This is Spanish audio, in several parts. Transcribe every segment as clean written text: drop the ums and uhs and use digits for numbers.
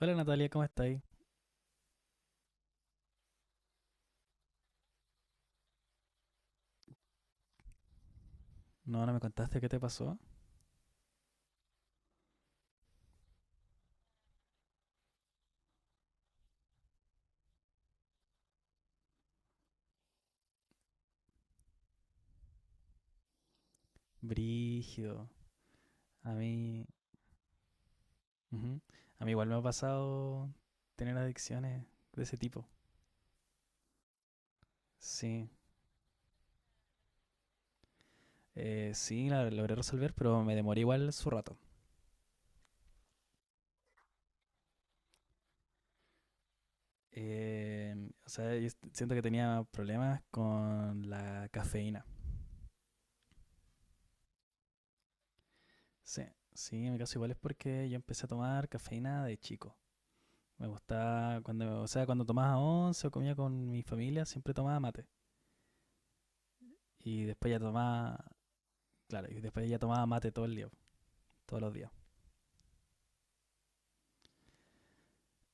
Hola Natalia, ¿cómo estáis? No, no me contaste qué te pasó. Brígido. A mí. Ujú. A mí igual me ha pasado tener adicciones de ese tipo. Sí. Sí, la logré resolver, pero me demoré igual su rato. Eh, o sea, siento que tenía problemas con la cafeína. Sí, sí, en mi caso igual es porque yo empecé a tomar cafeína de chico. Me gustaba cuando, o sea, cuando tomaba once o comía con mi familia, siempre tomaba mate. Y después ya tomaba. Claro, y después ella tomaba mate todo el día, todos los días.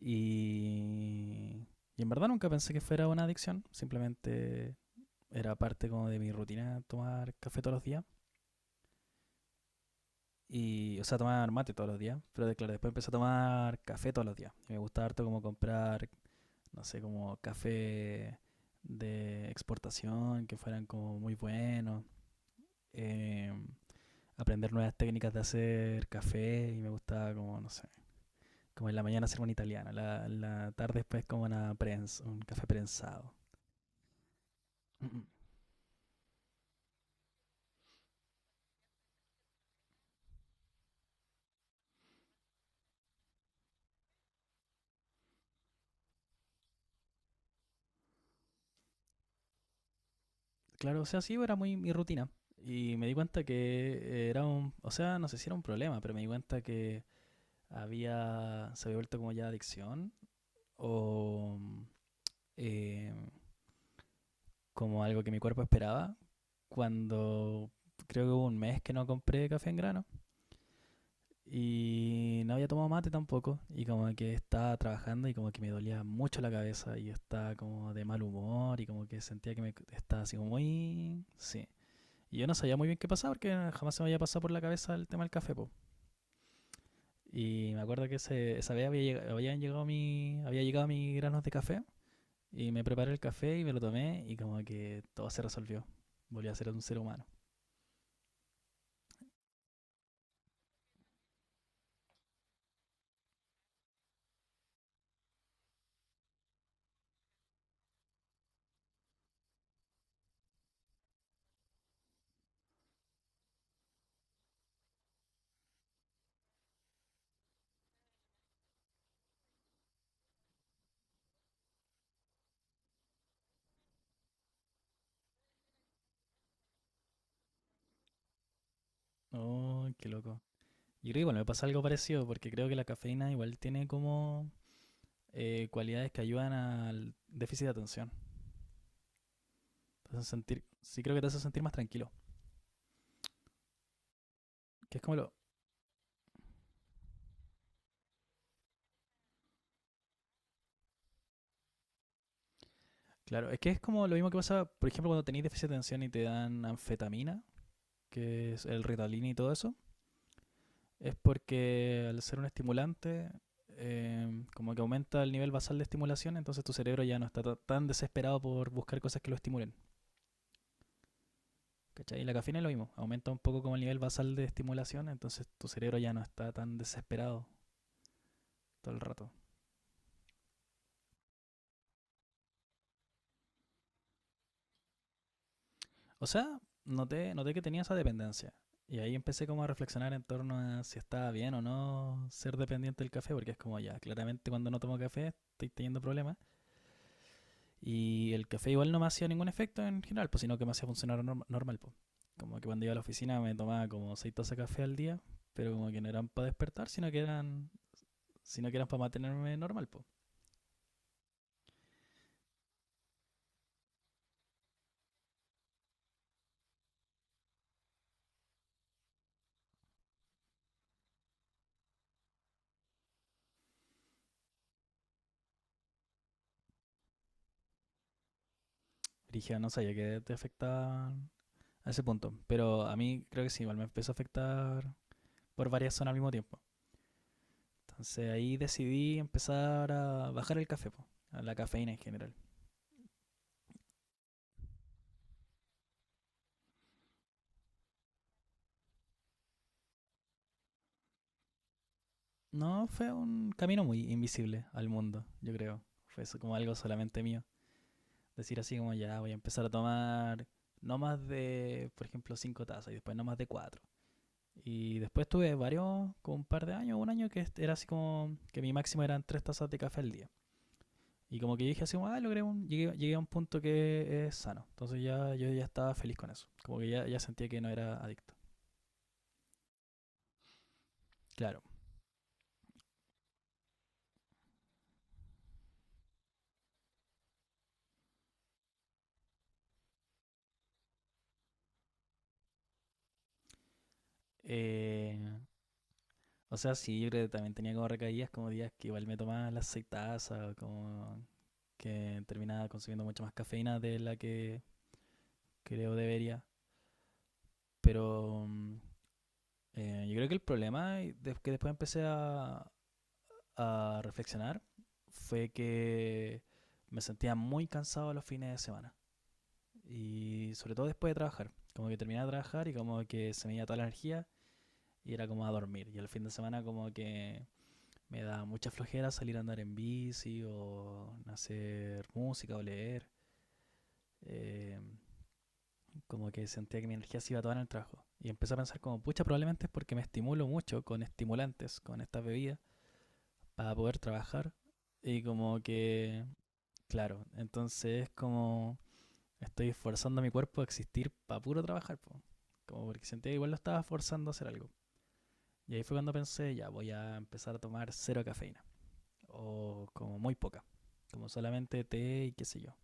Y, y en verdad nunca pensé que fuera una adicción, simplemente era parte como de mi rutina tomar café todos los días. Y, o sea, tomar mate todos los días. Pero claro, después empecé a tomar café todos los días. Y me gustaba harto como comprar, no sé, como café de exportación, que fueran como muy buenos. Eh, Aprender nuevas técnicas de hacer café. Y me gustaba como, no sé, como en la mañana hacer un italiano, la tarde después como una prensa, un café prensado. Mm, Claro, o sea, sí, era muy mi rutina. Y me di cuenta que era un, o sea, no sé si era un problema, pero me di cuenta que había, se había vuelto como ya adicción o eh, como algo que mi cuerpo esperaba cuando creo que hubo un mes que no compré café en grano. Y no había tomado mate tampoco. Y como que estaba trabajando y como que me dolía mucho la cabeza. Y yo estaba como de mal humor y como que sentía que me estaba así como muy. Sí. Y yo no sabía muy bien qué pasaba porque jamás se me había pasado por la cabeza el tema del café, po. Y me acuerdo que esa vez había llegado habían llegado mi, había llegado mis granos de café. Y me preparé el café y me lo tomé. Y como que todo se resolvió. Volví a ser un ser humano. Oh, qué loco. Y creo que igual me pasa algo parecido porque creo que la cafeína igual tiene como cualidades que ayudan al déficit de atención. Te hacen sentir, sí creo que te hacen sentir más tranquilo. Que es como lo, claro, es que es como lo mismo que pasa, por ejemplo, cuando tenéis déficit de atención y te dan anfetamina, que es el Ritalin y todo eso, es porque al ser un estimulante, como que aumenta el nivel basal de estimulación, entonces tu cerebro ya no está tan desesperado por buscar cosas que lo estimulen. ¿Cachai? Y la cafeína es lo mismo, aumenta un poco como el nivel basal de estimulación, entonces tu cerebro ya no está tan desesperado todo el rato. O sea, noté que tenía esa dependencia. Y ahí empecé como a reflexionar en torno a si estaba bien o no ser dependiente del café, porque es como ya, claramente cuando no tomo café estoy teniendo problemas. Y el café igual no me hacía ningún efecto en general, pues sino que me hacía funcionar normal, pues. Como que cuando iba a la oficina me tomaba como seis tazas de café al día, pero como que no eran para despertar, sino que eran para mantenerme normal, pues. Dije, no sabía que te afectaba a ese punto. Pero a mí creo que sí, igual me empezó a afectar por varias zonas al mismo tiempo. Entonces ahí decidí empezar a bajar el café, po, a la cafeína en general. No, fue un camino muy invisible al mundo, yo creo. Fue eso como algo solamente mío. Decir así como ya voy a empezar a tomar no más de, por ejemplo, cinco tazas y después no más de cuatro. Y después tuve varios, como un par de años, un año que era así como que mi máximo eran tres tazas de café al día. Y como que yo dije así, como, ah, llegué, llegué a un punto que es sano. Entonces ya yo ya estaba feliz con eso. Como que ya, ya sentía que no era adicto. Claro. Eh, o sea, sí, yo creo que también tenía como recaídas, como días que igual me tomaba las seis tazas, o como que terminaba consumiendo mucha más cafeína de la que creo debería. Pero yo creo que el problema que después empecé a reflexionar fue que me sentía muy cansado los fines de semana. Y sobre todo después de trabajar. Como que terminaba de trabajar y como que se me iba toda la energía y era como a dormir. Y el fin de semana como que me da mucha flojera salir a andar en bici o hacer música o leer. Eh, Como que sentía que mi energía se iba toda en el trabajo. Y empecé a pensar como, pucha, probablemente es porque me estimulo mucho con estimulantes, con estas bebidas, para poder trabajar. Y como que, claro, entonces es como estoy forzando a mi cuerpo a existir para puro trabajar, po. Como porque sentía que igual lo estaba forzando a hacer algo. Y ahí fue cuando pensé, ya voy a empezar a tomar cero cafeína, o como muy poca, como solamente té y qué sé yo.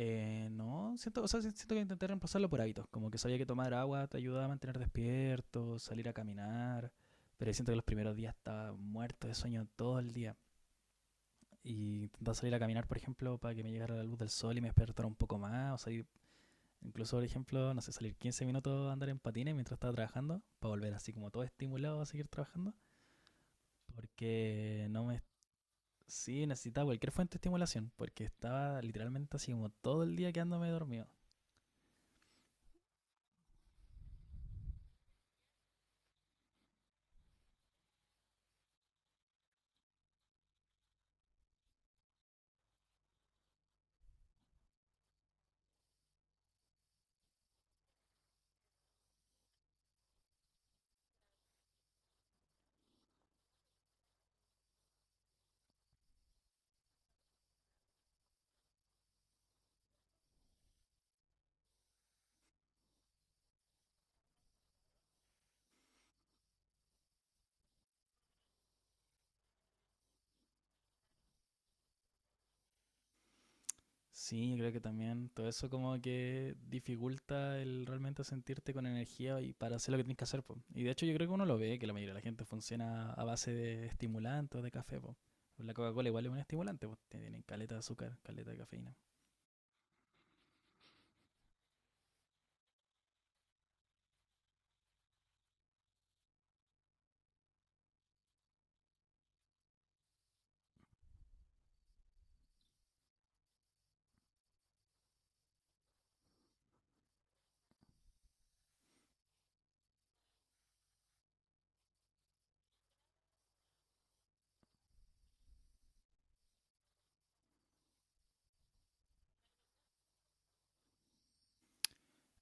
No, siento, o sea, si, siento que intenté reemplazarlo por hábitos, como que sabía que tomar agua te ayudaba a mantener despierto, salir a caminar, pero siento que los primeros días estaba muerto de sueño todo el día. Y intentar salir a caminar, por ejemplo, para que me llegara la luz del sol y me despertara un poco más, o salir. Incluso, por ejemplo, no sé, salir 15 minutos a andar en patines mientras estaba trabajando, para volver así como todo estimulado a seguir trabajando, porque no me. Sí, necesitaba cualquier fuente de estimulación, porque estaba literalmente así como todo el día quedándome dormido. Sí, creo que también todo eso como que dificulta el realmente sentirte con energía y para hacer lo que tienes que hacer, po. Y de hecho yo creo que uno lo ve, que la mayoría de la gente funciona a base de estimulantes o de café, po. La Coca-Cola igual es un estimulante, pues tienen caleta de azúcar, caleta de cafeína.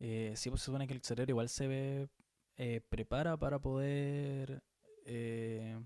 Sí, pues se supone que el cerebro igual se ve, prepara para poder eh,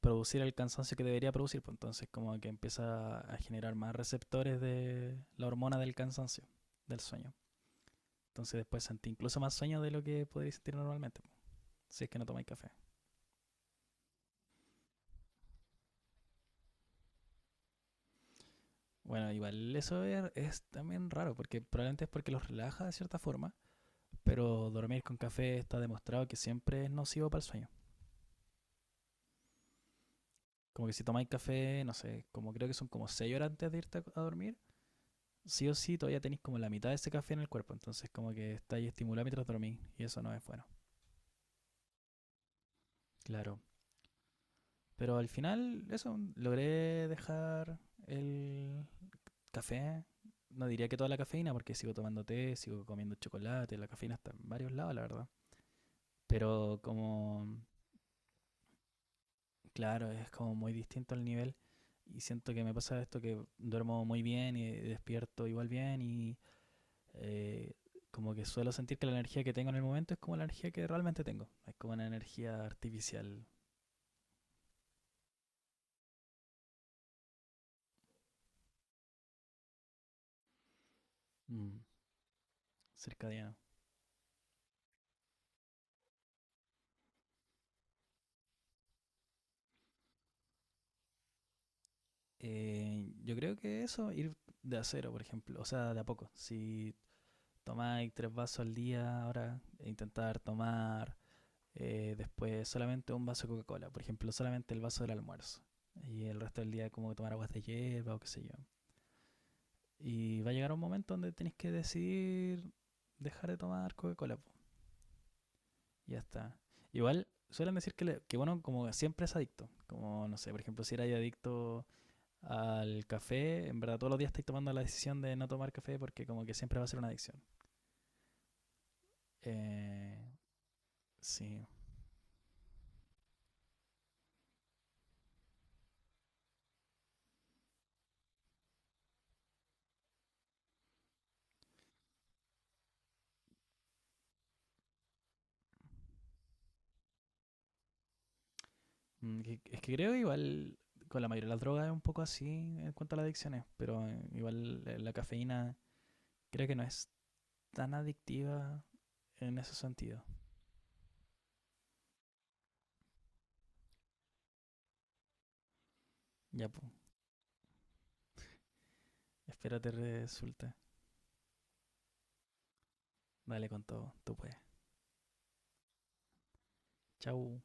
producir el cansancio que debería producir, pues entonces como que empieza a generar más receptores de la hormona del cansancio, del sueño. Entonces después sentí incluso más sueño de lo que podéis sentir normalmente, pues, si es que no tomáis café. Bueno, igual eso es también raro, porque probablemente es porque los relaja de cierta forma, pero dormir con café está demostrado que siempre es nocivo para el sueño. Como que si tomáis café, no sé, como creo que son como 6 horas antes de irte a dormir, sí o sí todavía tenéis como la mitad de ese café en el cuerpo, entonces como que estáis estimulando mientras dormís y eso no es bueno. Claro. Pero al final, eso, logré dejar el café. No diría que toda la cafeína, porque sigo tomando té, sigo comiendo chocolate, la cafeína está en varios lados, la verdad. Pero como, claro, es como muy distinto el nivel. Y siento que me pasa esto que duermo muy bien y despierto igual bien y eh, como que suelo sentir que la energía que tengo en el momento es como la energía que realmente tengo. Es como una energía artificial. mm, Cercadiana. Yo creo que eso, ir de a cero, por ejemplo, o sea, de a poco. Si tomáis tres vasos al día, ahora intentar tomar después solamente un vaso de Coca-Cola, por ejemplo, solamente el vaso del almuerzo. Y el resto del día como tomar aguas de hierba o qué sé yo. Y va a llegar un momento donde tenéis que decidir dejar de tomar Coca-Cola, po. Ya está. Igual suelen decir que, que bueno, como siempre es adicto. Como, no sé, por ejemplo, si erais adicto al café, en verdad todos los días estoy tomando la decisión de no tomar café porque como que siempre va a ser una adicción. Eh, sí. Es que creo igual con la mayoría de las drogas es un poco así en cuanto a las adicciones, pero igual la cafeína creo que no es tan adictiva en ese sentido. Ya, pues, espero te resulte. Dale con todo, tú puedes. Chau.